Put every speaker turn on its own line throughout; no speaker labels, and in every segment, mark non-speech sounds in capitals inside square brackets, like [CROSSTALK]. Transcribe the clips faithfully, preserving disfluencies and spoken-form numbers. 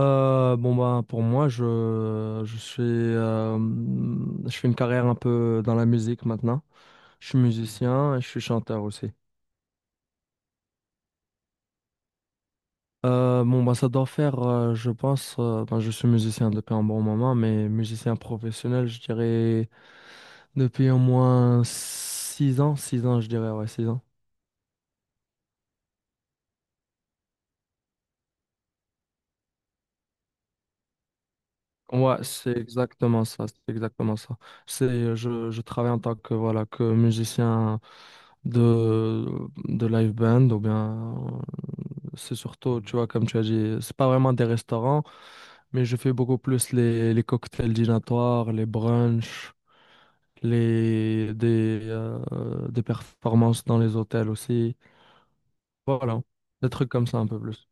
Euh, bon bah pour moi je je suis euh, je fais une carrière un peu dans la musique maintenant. Je suis musicien et je suis chanteur aussi. Euh, bon bah ça doit faire euh, je pense euh, ben, je suis musicien depuis un bon moment mais musicien professionnel je dirais depuis au moins six ans, six ans je dirais ouais six ans. Ouais, c'est exactement ça, c'est exactement ça. C'est, je, je travaille en tant que, voilà, que musicien de, de live band, ou bien, euh, c'est surtout, tu vois, comme tu as dit, c'est pas vraiment des restaurants, mais je fais beaucoup plus les, les cocktails dînatoires, les brunchs, les, des, euh, des performances dans les hôtels aussi. Voilà, des trucs comme ça un peu plus.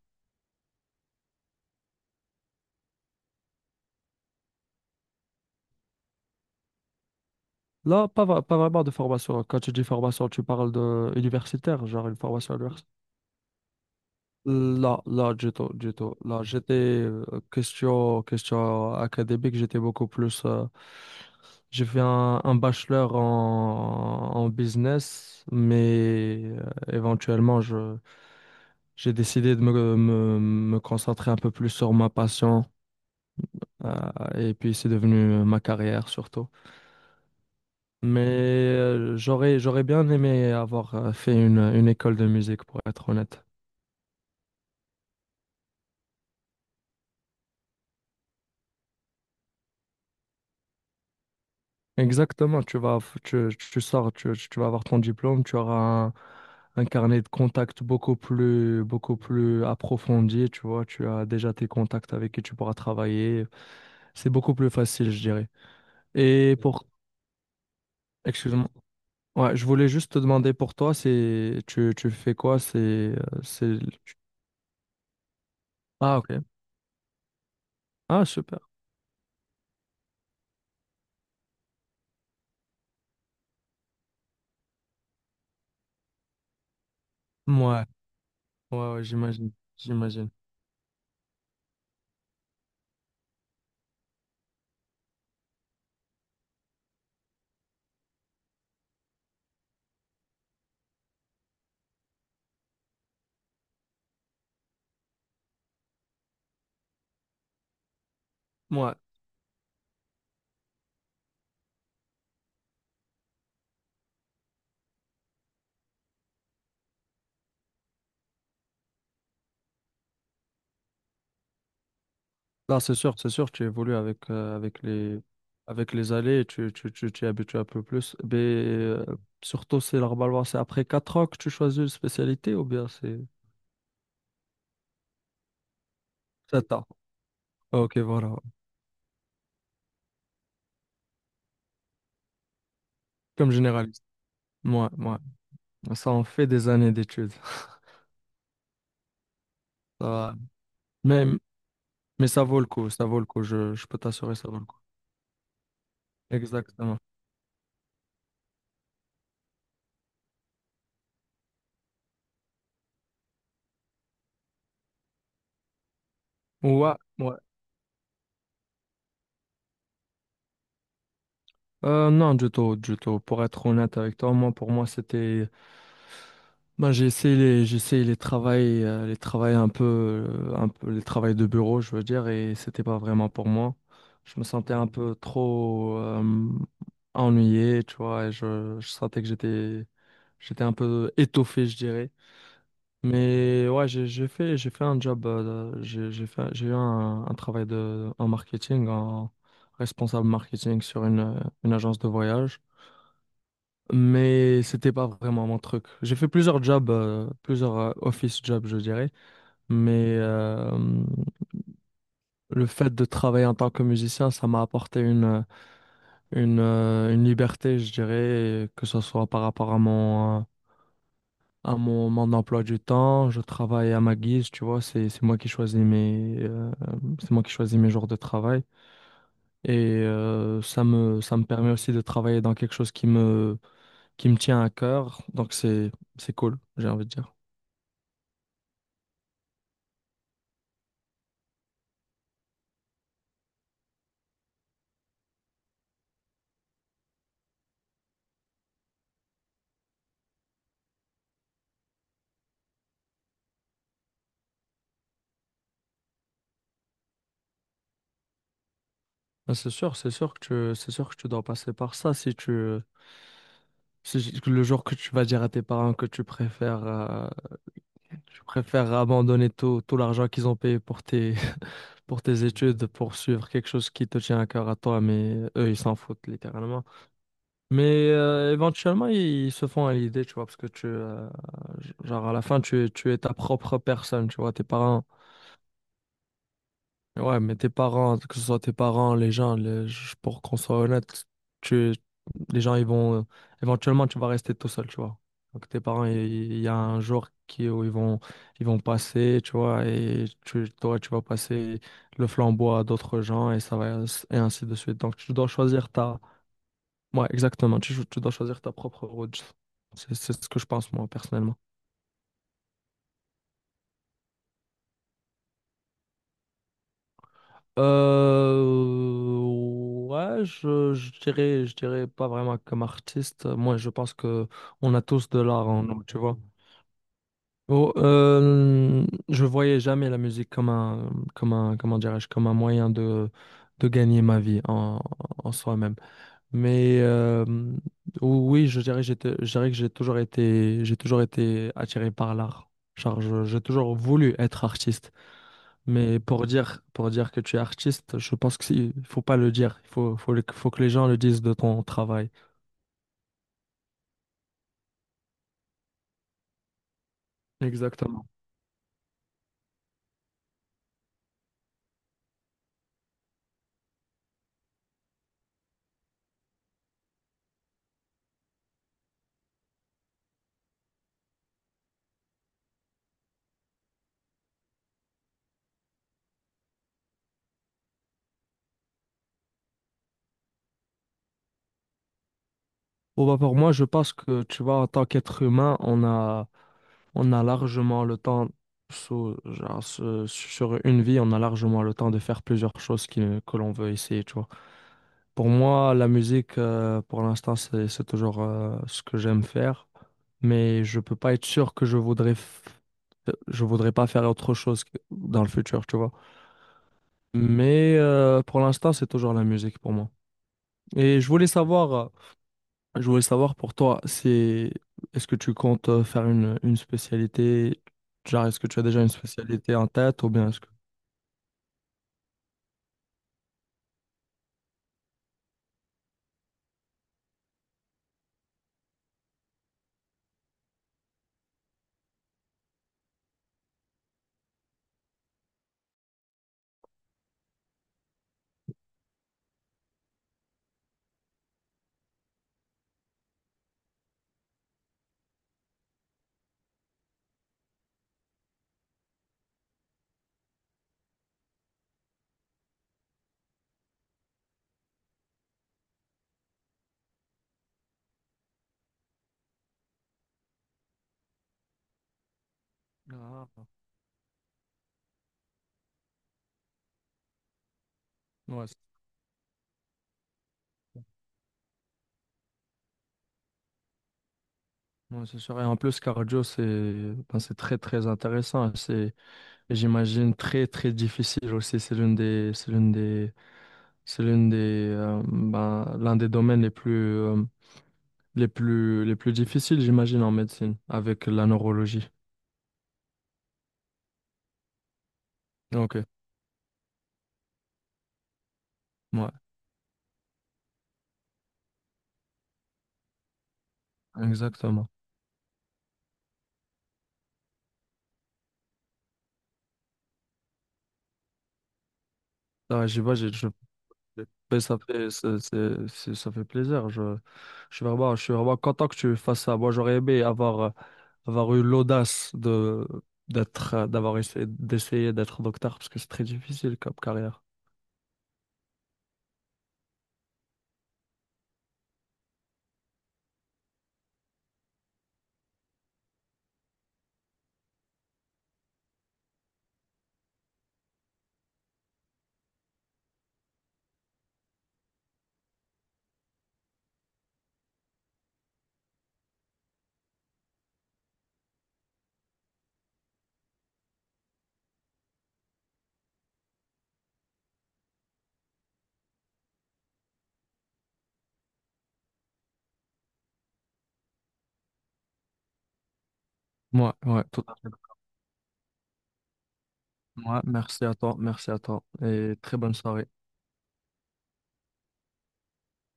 Là, pas, vra- Pas vraiment de formation. Quand tu dis formation, tu parles de universitaire, genre une formation universitaire. Là, là, du tout, du tout. Là, j'étais euh, question, question académique, j'étais beaucoup plus. Euh, j'ai fait un, un bachelor en, en business, mais euh, éventuellement, je, j'ai décidé de me, me, me concentrer un peu plus sur ma passion, euh, et puis c'est devenu euh, ma carrière surtout. Mais euh, j'aurais, j'aurais bien aimé avoir euh, fait une, une école de musique, pour être honnête. Exactement, tu vas, tu, tu sors, tu, tu vas avoir ton diplôme, tu auras un, un carnet de contacts beaucoup plus, beaucoup plus approfondi, tu vois, tu as déjà tes contacts avec qui tu pourras travailler. C'est beaucoup plus facile, je dirais. Et pour, excuse-moi, ouais, je voulais juste te demander pour toi, c'est, tu, tu fais quoi? C'est, euh, c'est, ah, ok. Ah, super. Ouais, ouais, ouais, j'imagine, j'imagine. Ouais. Non, c'est sûr, c'est sûr, tu évolues avec, euh, avec les, avec les allées et tu, tu, tu t'y habitues un peu plus. Mais euh, surtout, c'est normalement, c'est après quatre ans que tu choisis une spécialité ou bien c'est sept ans. Ok, voilà. Comme généraliste. Moi, moi, ça en fait des années d'études. [LAUGHS] Ça va. Mais, mais ça vaut le coup, ça vaut le coup, je, je peux t'assurer, ça vaut le coup. Exactement. Ouais, ouais. Euh, non, du tout, du tout. Pour être honnête avec toi, moi, pour moi, c'était bah, j'ai essayé les, j'ai essayé les travails, euh, les travails un peu, euh, un peu, les travails de bureau, je veux dire, et c'était pas vraiment pour moi. Je me sentais un peu trop euh, ennuyé, tu vois, et je, je sentais que j'étais, j'étais un peu étoffé, je dirais. Mais ouais, j'ai, j'ai fait, j'ai fait un job, euh, de- j'ai, j'ai fait, j'ai eu un, un travail de, en marketing, en responsable marketing sur une, euh, une agence de voyage mais c'était pas vraiment mon truc. J'ai fait plusieurs jobs, euh, plusieurs euh, office jobs, je dirais, mais euh, le fait de travailler en tant que musicien, ça m'a apporté une, une, euh, une liberté, je dirais, que ce soit par rapport à mon, euh, à mon, mon emploi du temps. Je travaille à ma guise, tu vois, c'est, c'est moi qui choisis mes, euh, c'est moi qui choisis mes jours de travail. Et euh, ça me, ça me permet aussi de travailler dans quelque chose qui me, qui me tient à cœur, donc c'est, c'est cool, j'ai envie de dire. Ah, c'est sûr, c'est sûr que tu, c'est sûr que tu dois passer par ça si tu, si j- le jour que tu vas dire à tes parents que tu préfères, euh, tu préfères abandonner tout, tout l'argent qu'ils ont payé pour tes, [LAUGHS] pour tes études, pour suivre quelque chose qui te tient à cœur à toi, mais eux, ils s'en foutent littéralement. Mais euh, éventuellement, ils, ils se font à l'idée, tu vois, parce que tu, euh, genre à la fin, tu, es- tu es ta propre personne, tu vois, tes parents. Ouais, mais tes parents, que ce soit tes parents, les gens, les- je- pour qu'on soit honnête, tu, les gens, ils vont, éventuellement, tu vas rester tout seul, tu vois. Donc, tes parents, il il y a un jour qui, où ils vont, ils vont passer, tu vois, et tu, toi, tu vas passer le flambeau à d'autres gens, et ça va, et ainsi de suite. Donc, tu dois choisir ta, ouais, exactement, tu, tu dois choisir ta propre route. C'est, c'est ce que je pense, moi, personnellement. Euh, ouais, je, je dirais, je dirais pas vraiment comme artiste. Moi, je pense que on a tous de l'art en nous, tu vois. Oh, euh, je voyais jamais la musique comme un, comme un, comment dirais-je, comme un moyen de, de gagner ma vie en, en soi-même. Mais euh, oui, je dirais, j'étais, je dirais que j'ai toujours été, j'ai toujours été attiré par l'art. Genre, je- j'ai toujours voulu être artiste. Mais pour dire, pour dire que tu es artiste, je pense qu'il faut pas le dire. Il faut, faut, le- Faut que les gens le disent de ton travail. Exactement. Bon, bah, pour moi, je pense que, tu vois, en tant qu'être humain, on a, on a largement le temps, sous- genre, ce- sur une vie, on a largement le temps de faire plusieurs choses qui, que l'on veut essayer, tu vois. Pour moi, la musique, euh, pour l'instant, c'est, c'est toujours, euh, ce que j'aime faire. Mais je peux pas être sûr que je voudrais, f- je voudrais pas faire autre chose que- dans le futur, tu vois. Mais euh, pour l'instant, c'est toujours la musique pour moi. Et je voulais savoir, euh, je voulais savoir pour toi, c'est est-ce que tu comptes euh, faire une, une spécialité, genre est-ce que tu as déjà une spécialité en tête ou bien est-ce que... Ah, ouais, c'est ouais, c'est sûr. Et en plus, cardio, c'est ben, c'est très très intéressant. C'est, j'imagine, très très difficile aussi. C'est l'une des, c'est l'une des, c'est l'une des, euh, ben, L'un des domaines les plus, euh, les plus, les plus difficiles, j'imagine, en médecine, avec la neurologie. Ok, ouais, exactement. Ah, j'y vais, j'ai- je, ben, ça fait, c'est- c'est- c'est- Ça fait plaisir. Je, je suis vraiment, je suis vraiment content que tu fasses ça. Moi, j'aurais aimé avoir, euh, avoir eu l'audace de, d'être, euh, d'avoir essayé, d'essayer d'être docteur parce que c'est très difficile comme carrière. Ouais, ouais, tout à fait. Ouais, merci à toi, merci à toi et très bonne soirée.